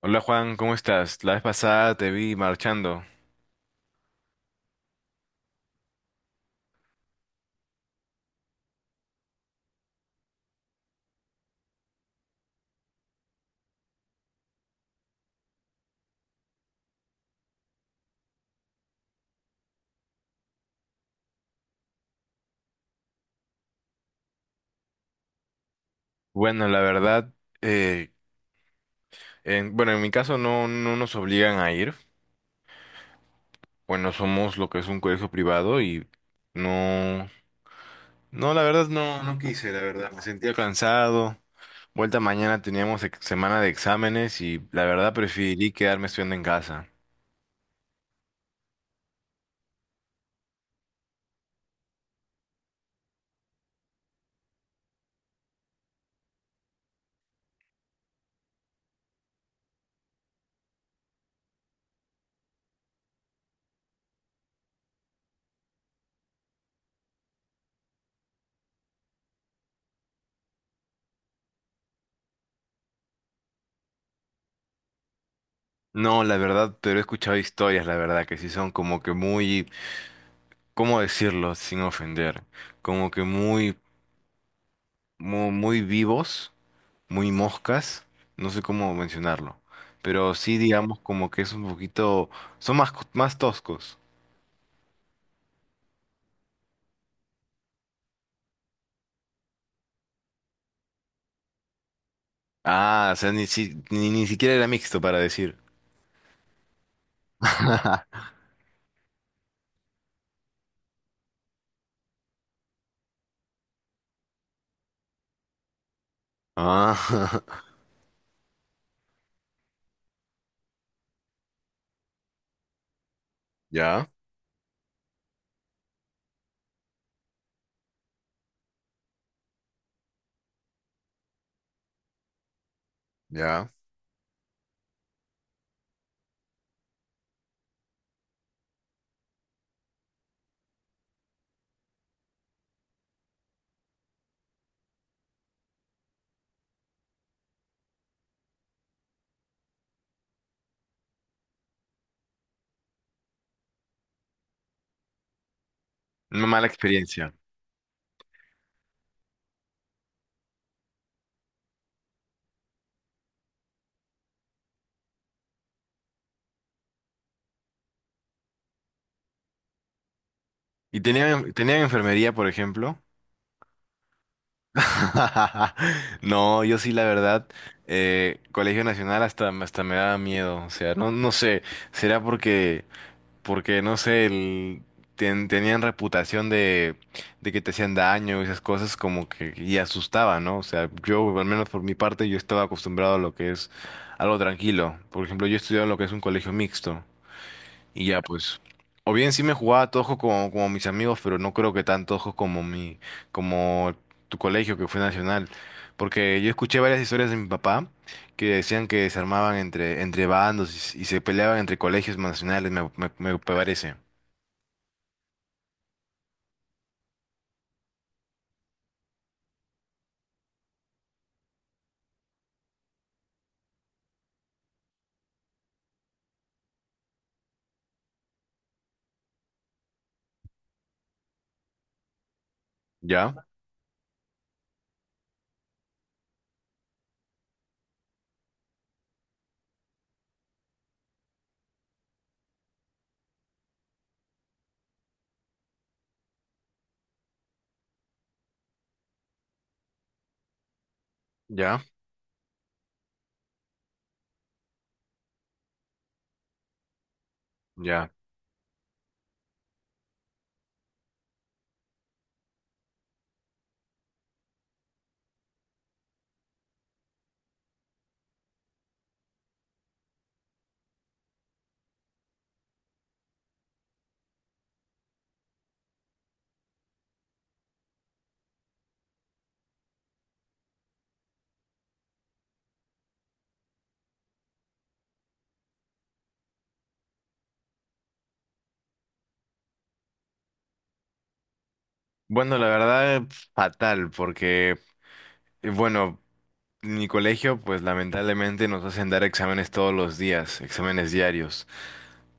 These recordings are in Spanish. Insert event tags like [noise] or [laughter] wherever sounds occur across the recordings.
Hola Juan, ¿cómo estás? La vez pasada te vi marchando. Bueno, la verdad, eh, en mi caso no, no nos obligan a ir. Bueno, somos lo que es un colegio privado y no, no, la verdad no, no quise, la verdad. Me sentía cansado. Vuelta mañana teníamos semana de exámenes y la verdad preferí quedarme estudiando en casa. No, la verdad, pero he escuchado historias, la verdad, que sí son como que muy, ¿cómo decirlo sin ofender? Como que muy, muy, muy vivos muy moscas, no sé cómo mencionarlo, pero sí digamos como que es un poquito, son más, más toscos. Ah, o sea, ni, si- ni, ni siquiera era mixto para decir. [laughs] Ah, [laughs] ya, ya. Una mala experiencia. ¿Y tenían, tenían enfermería, por ejemplo? [laughs] No, yo sí, la verdad, Colegio Nacional hasta, hasta me daba miedo. O sea, no, no sé, será porque porque no sé, tenían reputación de que te hacían daño y esas cosas como que y asustaba, ¿no? O sea, yo, al menos por mi parte, yo estaba acostumbrado a lo que es algo tranquilo. Por ejemplo, yo he estudiado en lo que es un colegio mixto. Y ya, pues. O bien sí me jugaba tojo como, como mis amigos, pero no creo que tan tojo como como tu colegio que fue nacional. Porque yo escuché varias historias de mi papá que decían que se armaban entre, entre bandos y, y se peleaban entre colegios nacionales, me parece. ¿Ya? ¿Ya? ¿Ya? Bueno, la verdad, fatal, porque, bueno, mi colegio, pues lamentablemente nos hacen dar exámenes todos los días, exámenes diarios.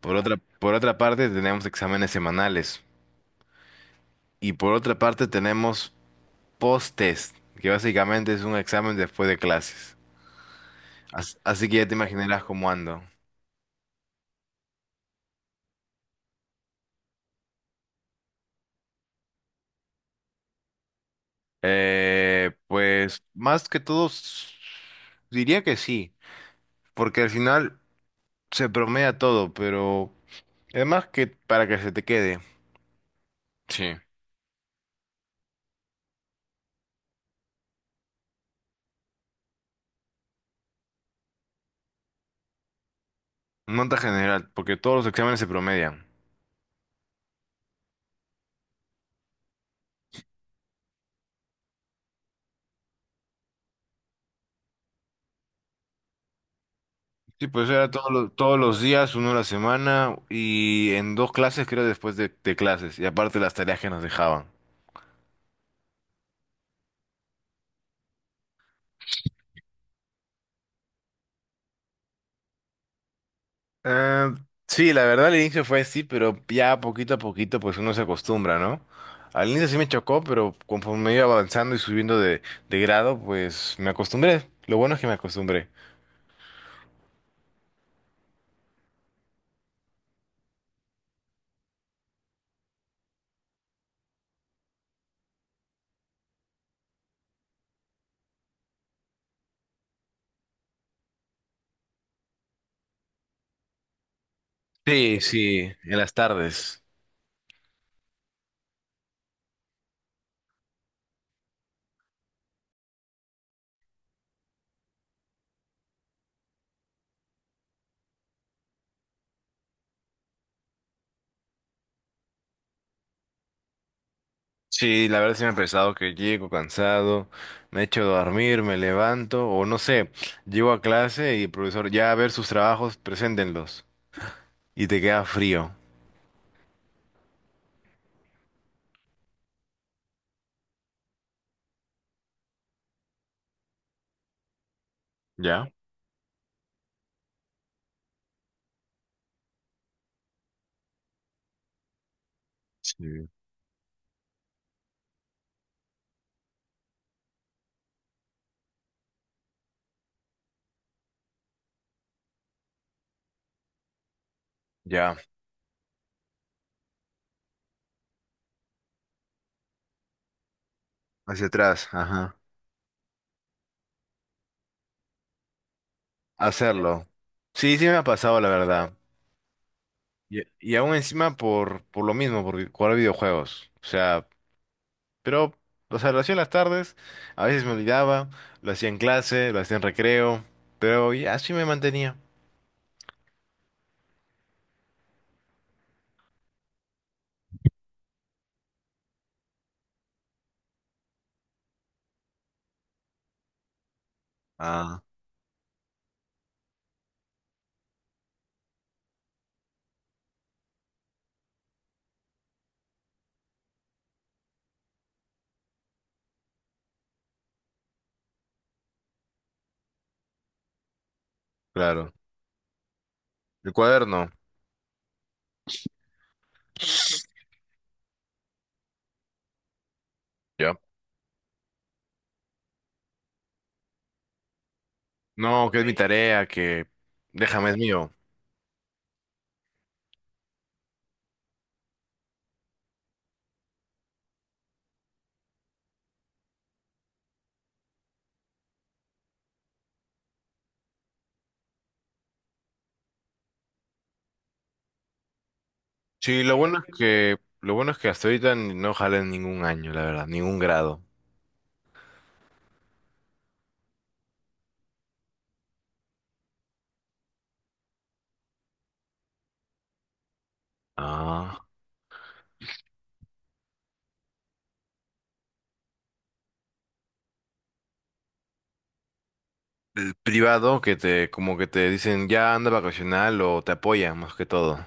Por otra parte, tenemos exámenes semanales. Y por otra parte, tenemos post-test, que básicamente es un examen después de clases. Así, que ya te imaginarás cómo ando. Pues más que todo, diría que sí, porque al final se promedia todo, pero además que para que se te quede. Sí. Nota general, porque todos los exámenes se promedian. Sí, pues era todos los días, uno a la semana y en dos clases, creo, después de clases. Y aparte las tareas que nos dejaban. Eh, sí, la verdad al inicio fue así, pero ya poquito a poquito pues uno se acostumbra, ¿no? Al inicio sí me chocó, pero conforme iba avanzando y subiendo de grado, pues me acostumbré. Lo bueno es que me acostumbré. Sí, sí, en las tardes. Sí, la verdad sí me ha pesado que llego cansado, me echo a dormir, me levanto, o no sé, llego a clase y el profesor, ya a ver sus trabajos, preséntenlos. Y te queda frío. ¿Ya? Sí. Ya. Hacia atrás, ajá. Hacerlo. Sí, sí me ha pasado, la verdad. Y aún encima por lo mismo, por jugar videojuegos. O sea, pero, o sea, lo hacía en las tardes, a veces me olvidaba, lo hacía en clase, lo hacía en recreo, pero ya así me mantenía. Ah, claro. El cuaderno. Ya. No, que es mi tarea, que déjame, es mío. Sí, lo bueno es que, lo bueno es que hasta ahorita no jalé en ningún año, la verdad, ningún grado. Ah. El privado que te, como que te dicen ya anda vacacional o te apoyan más que todo.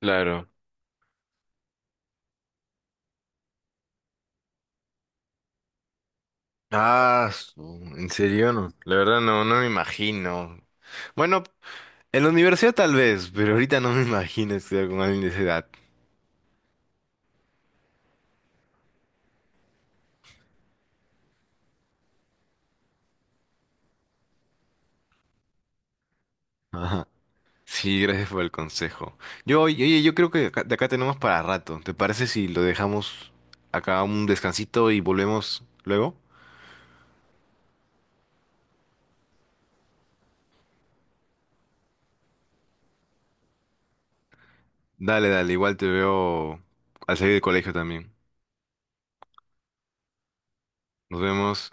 Claro. Ah, en serio, no. La verdad no, no me imagino. Bueno, en la universidad tal vez, pero ahorita no me [laughs] imagino estudiar con alguien de esa edad. Ajá. Sí, gracias por el consejo. Yo, oye, oye, yo creo que de acá tenemos para rato. ¿Te parece si lo dejamos acá un descansito y volvemos luego? Dale, dale, igual te veo al salir del colegio también. Nos vemos.